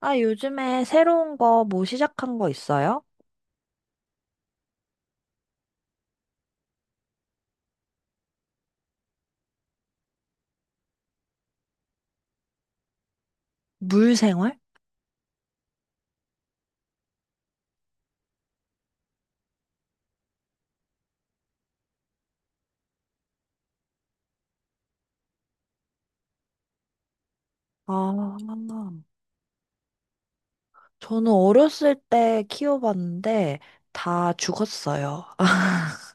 아, 요즘에 새로운 거 뭐 시작한 거 있어요? 물생활? 아, 저는 어렸을 때 키워봤는데 다 죽었어요.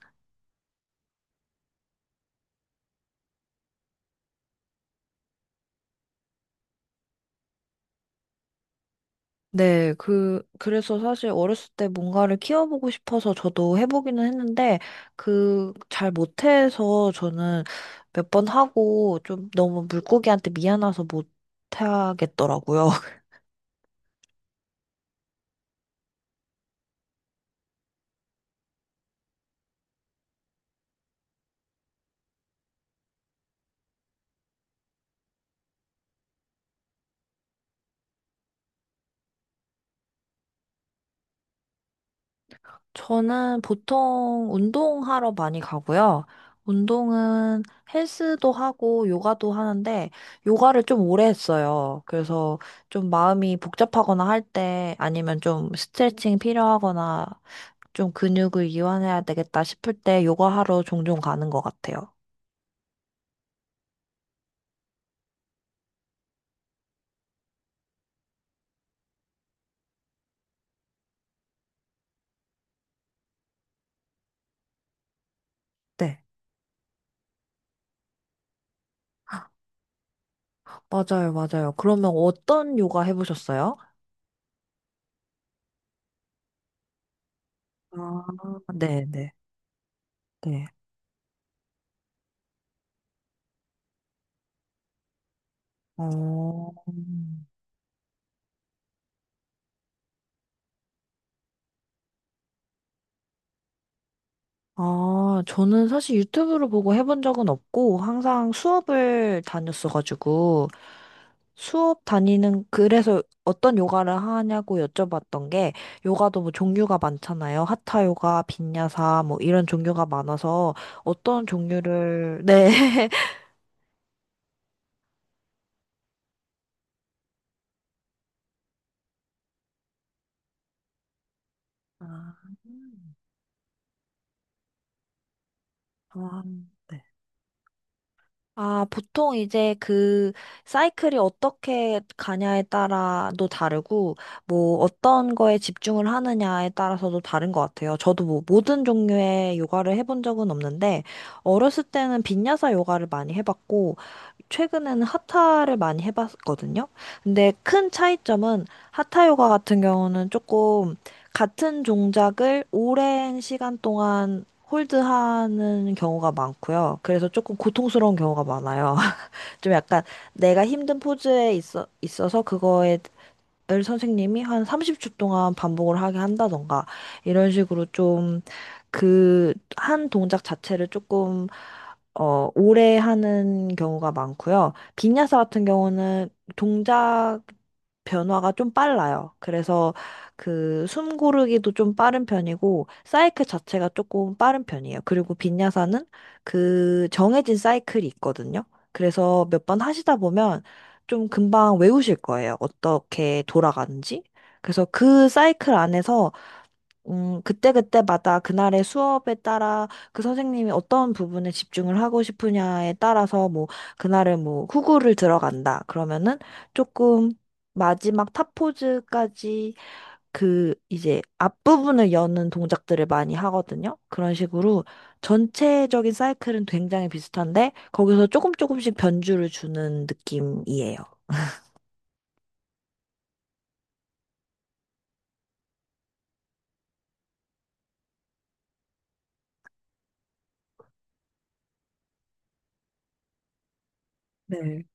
네, 그래서 사실 어렸을 때 뭔가를 키워보고 싶어서 저도 해보기는 했는데, 그, 잘 못해서 저는 몇 번 하고 좀 너무 물고기한테 미안해서 못하겠더라고요. 저는 보통 운동하러 많이 가고요. 운동은 헬스도 하고 요가도 하는데 요가를 좀 오래 했어요. 그래서 좀 마음이 복잡하거나 할 때 아니면 좀 스트레칭 필요하거나 좀 근육을 이완해야 되겠다 싶을 때 요가하러 종종 가는 것 같아요. 네. 맞아요, 맞아요. 그러면 어떤 요가 해보셨어요? 아, 네, 네, 네. 어, 아, 저는 사실 유튜브를 보고 해본 적은 없고, 항상 수업을 다녔어가지고, 수업 다니는, 그래서 어떤 요가를 하냐고 여쭤봤던 게, 요가도 뭐 종류가 많잖아요. 하타 요가, 빈야사, 뭐 이런 종류가 많아서, 어떤 종류를, 네. 아, 음. 아, 네. 아, 보통 이제 그 사이클이 어떻게 가냐에 따라도 다르고, 뭐 어떤 거에 집중을 하느냐에 따라서도 다른 것 같아요. 저도 뭐 모든 종류의 요가를 해본 적은 없는데, 어렸을 때는 빈야사 요가를 많이 해봤고, 최근에는 하타를 많이 해봤거든요. 근데 큰 차이점은 하타 요가 같은 경우는 조금 같은 동작을 오랜 시간 동안 홀드하는 경우가 많고요. 그래서 조금 고통스러운 경우가 많아요. 좀 약간 내가 힘든 포즈에 있어서 그거에 을 선생님이 한 30초 동안 반복을 하게 한다던가 이런 식으로 좀 그 한 동작 자체를 조금 오래 하는 경우가 많고요. 빈야사 같은 경우는 동작 변화가 좀 빨라요. 그래서 그 숨 고르기도 좀 빠른 편이고 사이클 자체가 조금 빠른 편이에요. 그리고 빈야사는 그 정해진 사이클이 있거든요. 그래서 몇 번 하시다 보면 좀 금방 외우실 거예요. 어떻게 돌아가는지. 그래서 그 사이클 안에서, 그때그때마다 그날의 수업에 따라 그 선생님이 어떤 부분에 집중을 하고 싶으냐에 따라서 뭐, 그날은 뭐, 후구를 들어간다. 그러면은 조금 마지막 탑포즈까지 그 이제 앞부분을 여는 동작들을 많이 하거든요. 그런 식으로 전체적인 사이클은 굉장히 비슷한데, 거기서 조금 조금씩 변주를 주는 느낌이에요. 네.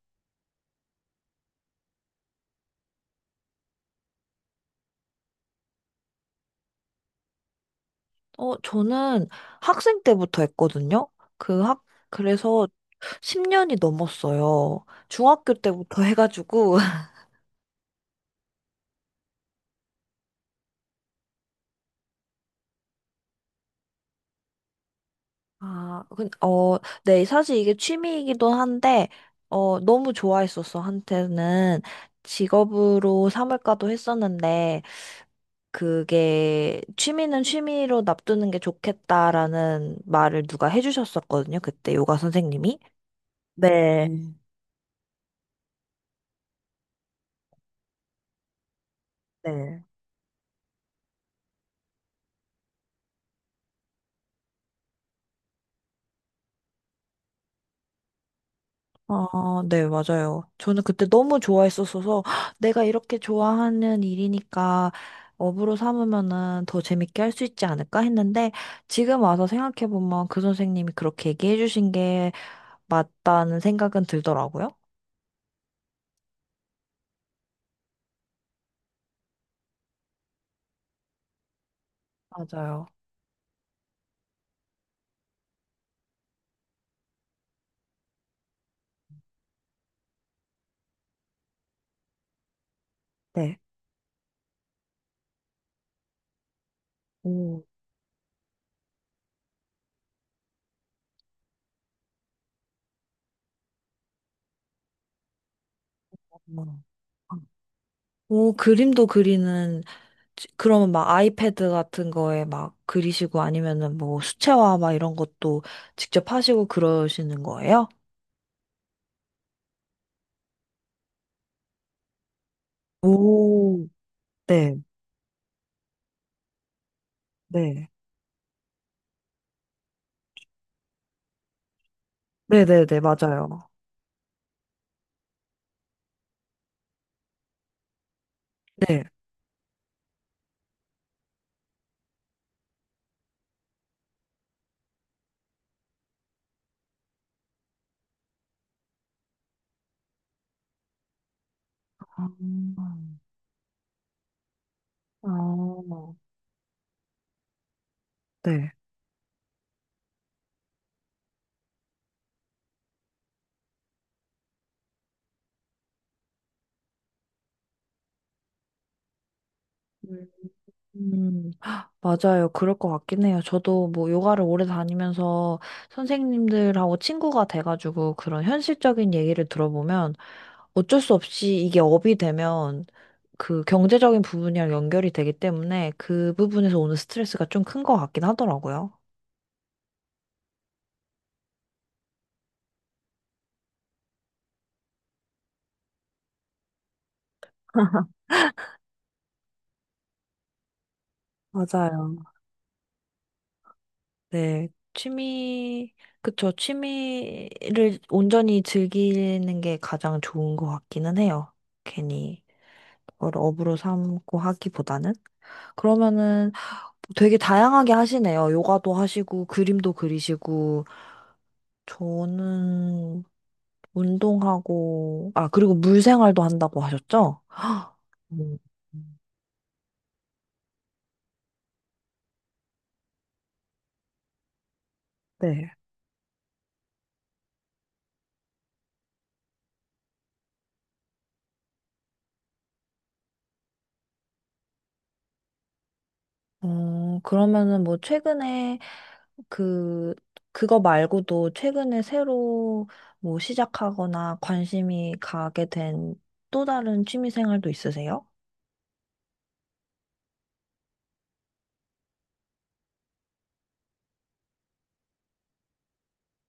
어, 저는 학생 때부터 했거든요. 그 학, 그래서 10년이 넘었어요. 중학교 때부터 해가지고. 아, 근, 어, 네, 사실 이게 취미이기도 한데, 어, 너무 좋아했었어, 한때는. 직업으로 삼을까도 했었는데, 그게, 취미는 취미로 놔두는 게 좋겠다라는 말을 누가 해주셨었거든요. 그때 요가 선생님이. 네. 네. 아, 네, 맞아요. 저는 그때 너무 좋아했었어서 "헉, 내가 이렇게 좋아하는 일이니까 업으로 삼으면은 더 재밌게 할 수 있지 않을까 했는데 지금 와서 생각해보면 그 선생님이 그렇게 얘기해주신 게 맞다는 생각은 들더라고요. 맞아요. 네. 오. 음. 오, 그림도 그리는, 지- 그러면 막 아이패드 같은 거에 막 그리시고 아니면은 뭐 수채화 막 이런 것도 직접 하시고 그러시는 거예요? 오, 네. 네. 네네네, 맞아요. 네. 아, 아, 네. 헉, 맞아요. 그럴 것 같긴 해요. 저도 뭐 요가를 오래 다니면서 선생님들하고 친구가 돼가지고 그런 현실적인 얘기를 들어보면 어쩔 수 없이 이게 업이 되면 그 경제적인 부분이랑 연결이 되기 때문에 그 부분에서 오는 스트레스가 좀 큰 것 같긴 하더라고요. 맞아요. 네, 취미, 그쵸. 취미를 온전히 즐기는 게 가장 좋은 것 같기는 해요. 괜히 그걸 업으로 삼고 하기보다는. 그러면은 되게 다양하게 하시네요. 요가도 하시고, 그림도 그리시고, 저는 운동하고, 아, 그리고 물 생활도 한다고 하셨죠? 헉, 음, 네. 어, 그러면은 뭐 최근에 그, 그거 말고도 최근에 새로 뭐 시작하거나 관심이 가게 된 또 다른 취미 생활도 있으세요?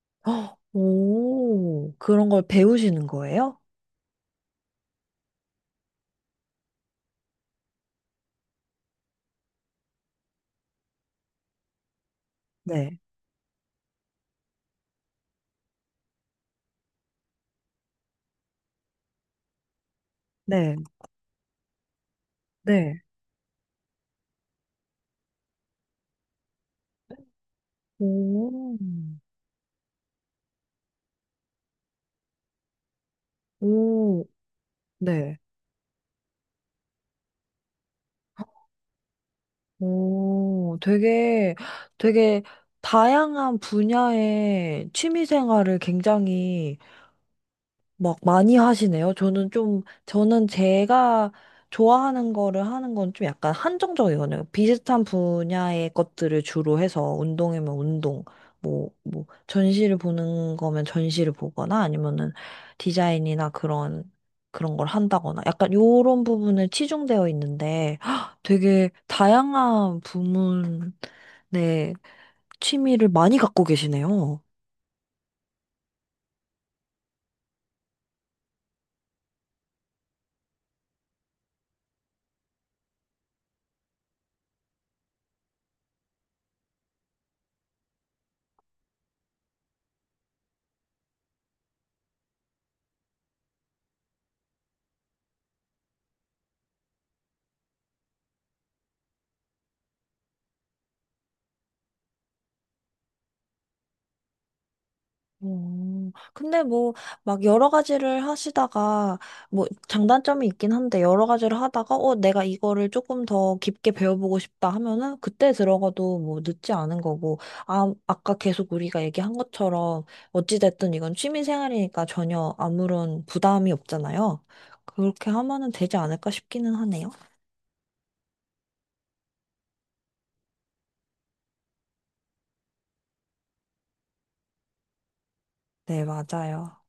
헉, 오, 그런 걸 배우시는 거예요? 네, 네, 네, 오, 오, 네. 오, 되게, 되게 다양한 분야의 취미 생활을 굉장히 막 많이 하시네요. 저는 좀, 저는 제가 좋아하는 거를 하는 건 좀 약간 한정적이거든요. 비슷한 분야의 것들을 주로 해서 운동이면 운동, 뭐, 뭐, 전시를 보는 거면 전시를 보거나 아니면은 디자인이나 그런, 그런 걸 한다거나 약간 요런 부분에 치중되어 있는데 헉, 되게 다양한 부문의 취미를 많이 갖고 계시네요. 근데 뭐, 막 여러 가지를 하시다가, 뭐, 장단점이 있긴 한데, 여러 가지를 하다가, 어, 내가 이거를 조금 더 깊게 배워보고 싶다 하면은, 그때 들어가도 뭐, 늦지 않은 거고, 아, 아까 계속 우리가 얘기한 것처럼, 어찌됐든 이건 취미생활이니까 전혀 아무런 부담이 없잖아요. 그렇게 하면은 되지 않을까 싶기는 하네요. 네, 맞아요.